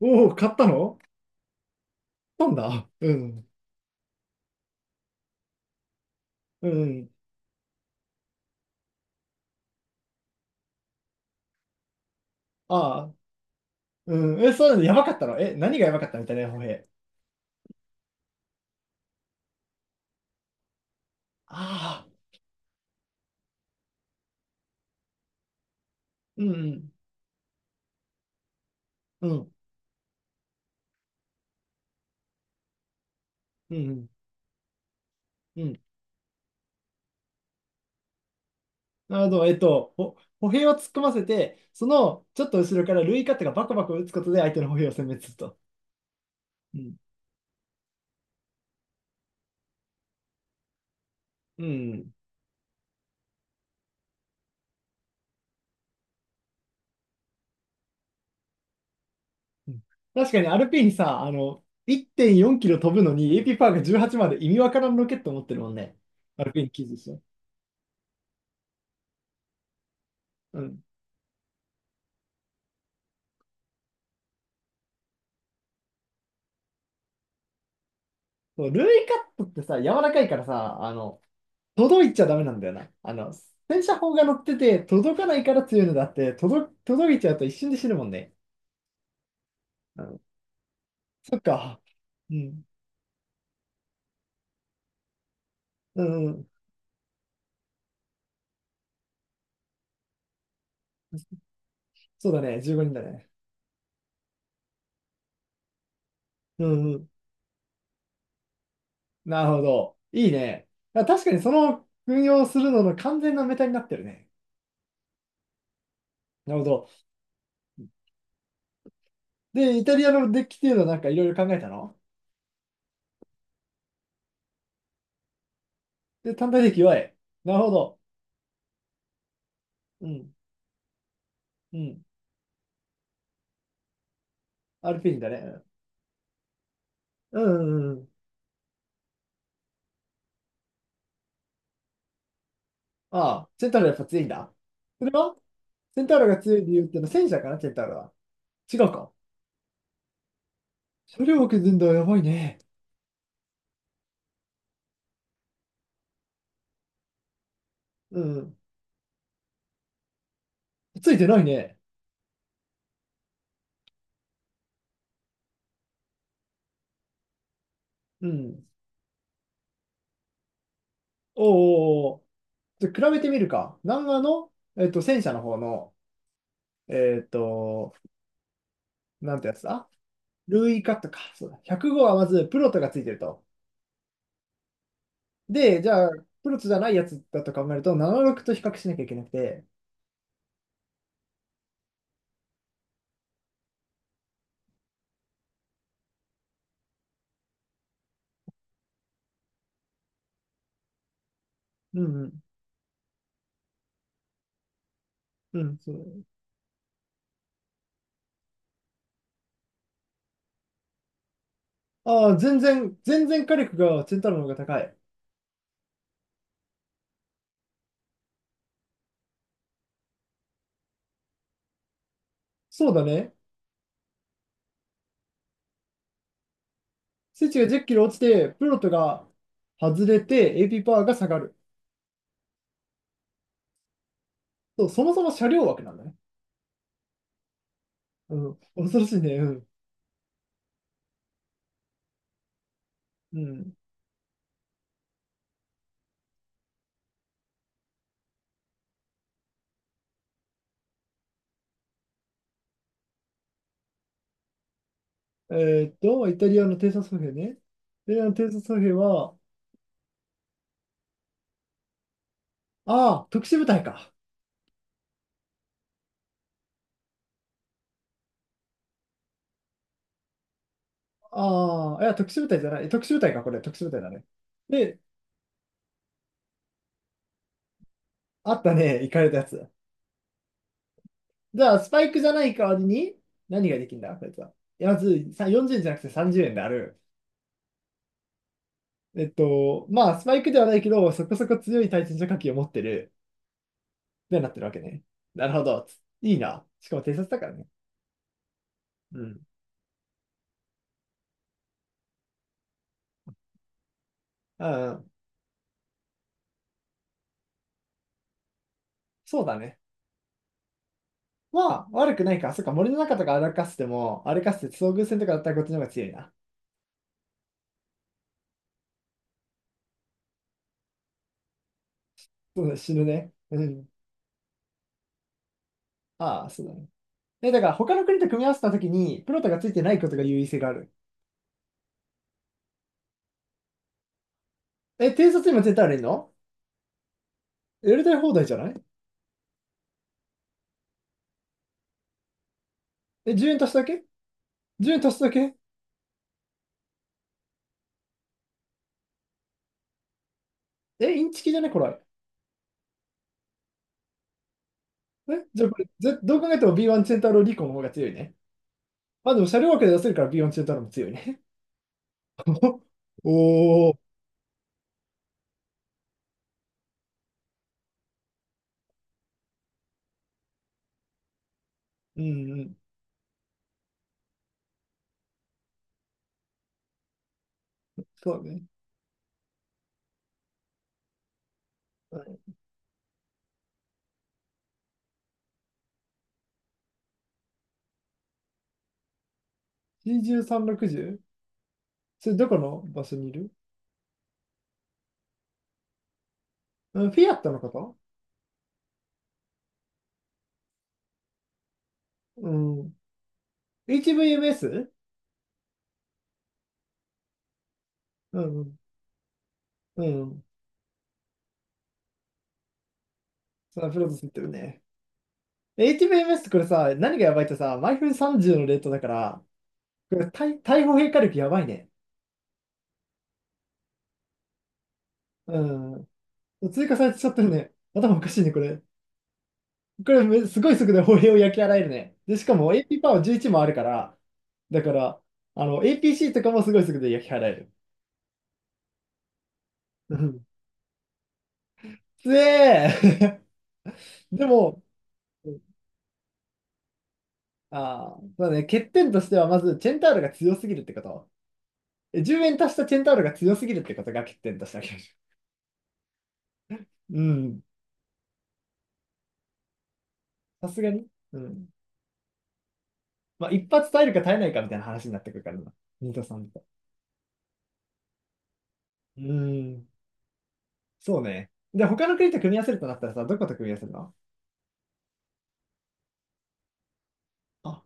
おお、買ったの。買ったんだ。うん。うん。ああ。うん。え、そうなの？やばかったの？え、何がやばかったみたいな、歩兵。ああ。うん。うん。うん。うん。うん。なるほど。えっと、歩兵を突っ込ませて、その、ちょっと後ろからルイカットがバコバコ打つことで相手の歩兵を殲滅すると。うん。うん。うん。確かにアルピーにさ、あの、1.4キロ飛ぶのに AP パワーが18まで意味わからんロケット持ってるもんね。アルピーに記事でしょ。うん。そうルイカットってさ、柔らかいからさ、あの、届いちゃダメなんだよな。あの、洗車砲が乗ってて、届かないから強いのだって、届いちゃうと一瞬で死ぬもんね。うん、そっか。うん。うん、うん。そうだね。15人だね。うん、うん。なるほど。いいね。あ、確かにその運用するのの完全なメタになってるね。なるほど。で、イタリアのデッキっていうのはなんかいろいろ考えたので、単体デッキ弱い。なるほど。うん、うん。アルピーニだね。うん、うん、うん。うん。ああ、セントラルやっぱ強いんだ。それはセンタウロが強い理由ってのは戦車かな、センタウロは。違うか。車両を削るんだ、やばいね。うん。ついてないね。うん。おーおーおー。じゃあ比べてみるか。南アの、えっと、戦車の方の、えっと、なんてやつだ。ルーイカットか。そうだ。105はまずプロトがついてると。で、じゃあ、プロトじゃないやつだと考えると、76と比較しなきゃいけなくて。うん、うん。うん、そう。ああ、全然火力がセンタウロの方が高い。そうだね。数値が10キロ落ちて、プロットが外れて、AP パワーが下がる。そう、そもそも車両枠なんだね。うん。恐ろしいね。うん。うん。えーっと、イタリアの偵察歩兵ね。イタリアの偵察歩兵は、ああ、特殊部隊か。ああ、いや、特殊部隊じゃない。特殊部隊か、これ。特殊部隊だね。で、あったね。行かれたやつ。じゃあ、スパイクじゃない代わりに、何ができるんだ、こいつは。いやまず、さ40円、じゅうえんじゃなくて30円である。えっと、まあ、スパイクではないけど、そこそこ強い対戦車火器を持ってるようになってるわけね。なるほど。いいな。しかも偵察だからね。うん。うん、うん。そうだね。まあ、悪くないか。そっか、森の中とか歩かせても、歩かせて遭遇戦とかだったらこっちの方が強いな。そうだね、死ぬね。うん。ああ、そうだね。え、だから他の国と組み合わせたときに、プロトがついてないことが優位性がある。え、偵察今絶対あるの？やりたい放題じゃない？え、10円足しただけ？ 10 円足しただけ？え、インチキじゃねこれ。え、じゃあこれ、どう考えても B1 チェンタローリコの方が強いね。まあでも車両枠で出せるから B1 チェンタローも強いね。おおー。うんうん。そうだね。はい、C13、60？ それどこの場所にいる？うん、フィアットのこと？うん。HVMS？ うんうん。うん。そう、アプロセスってるね。HVMS ってこれさ、何がやばいってさ、毎分30のレートだから、これ対砲変化力やばいね。うん。追加されちゃってるね。頭おかしいね、これ。これ、めすごい速度で歩兵を焼き払えるね。で、しかも AP パワー11もあるから、だから、あの、APC とかもすごい速度で焼き払える。うん。つえー。 でも、ああ、そうね、欠点としては、まず、チェンタールが強すぎるってこと。え、10円足したチェンタールが強すぎるってことが欠点としてありましょう。うん、さすがに。うん。まあ、一発耐えるか耐えないかみたいな話になってくるからな。ニトさんと。うん、そうね。で、他の国と組み合わせるとなったらさ、どこと組み合わせるの？あ、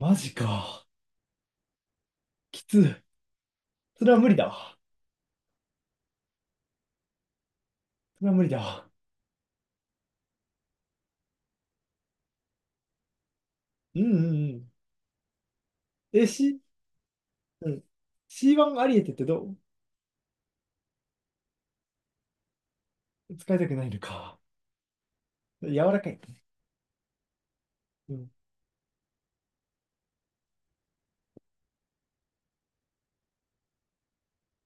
マジか。きつい。それは無理だわ。それは無理だわ。うんうんうん。え、C、うん。C1 アリエテってどう？使いたくないのか。柔らかい。うん。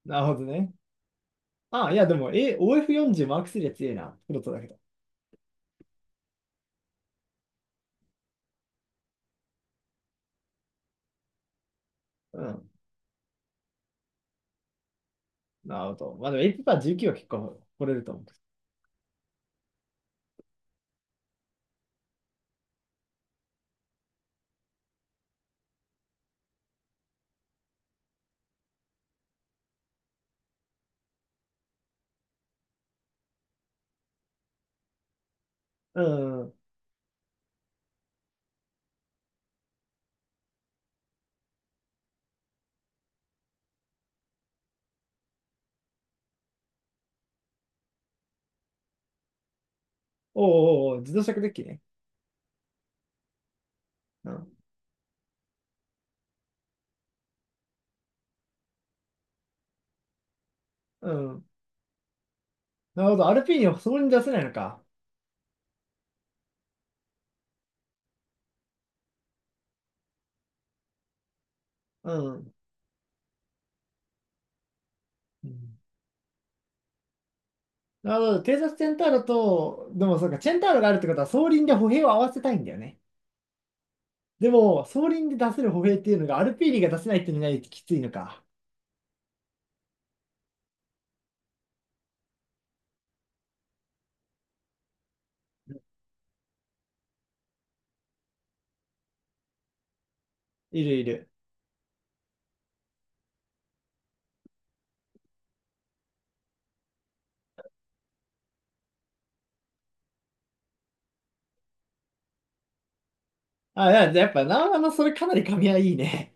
なるほどね。あ、いや、でも、え、OF40 マーク3は強いな。プロトだけど。うん。なるほど。まあ、でも、エイパー19は結構掘れると思う。うん。おうおうおう、自動車デッキね。うん。うん。なるほど。アルピーニをそこに出せないのか。うん。うん。なるほど。偵察チェンターロと、でもそうか、チェンターロがあるってことは、総輪で歩兵を合わせたいんだよね。でも、総輪で出せる歩兵っていうのが、アルピーニが出せないっていうのがきついのか。いるいる。あ、いや、やっぱ、な、あの、それかなり噛み合いいね。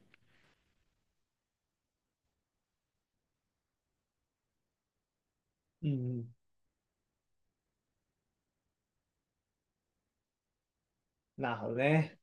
うんうん。なるほどね。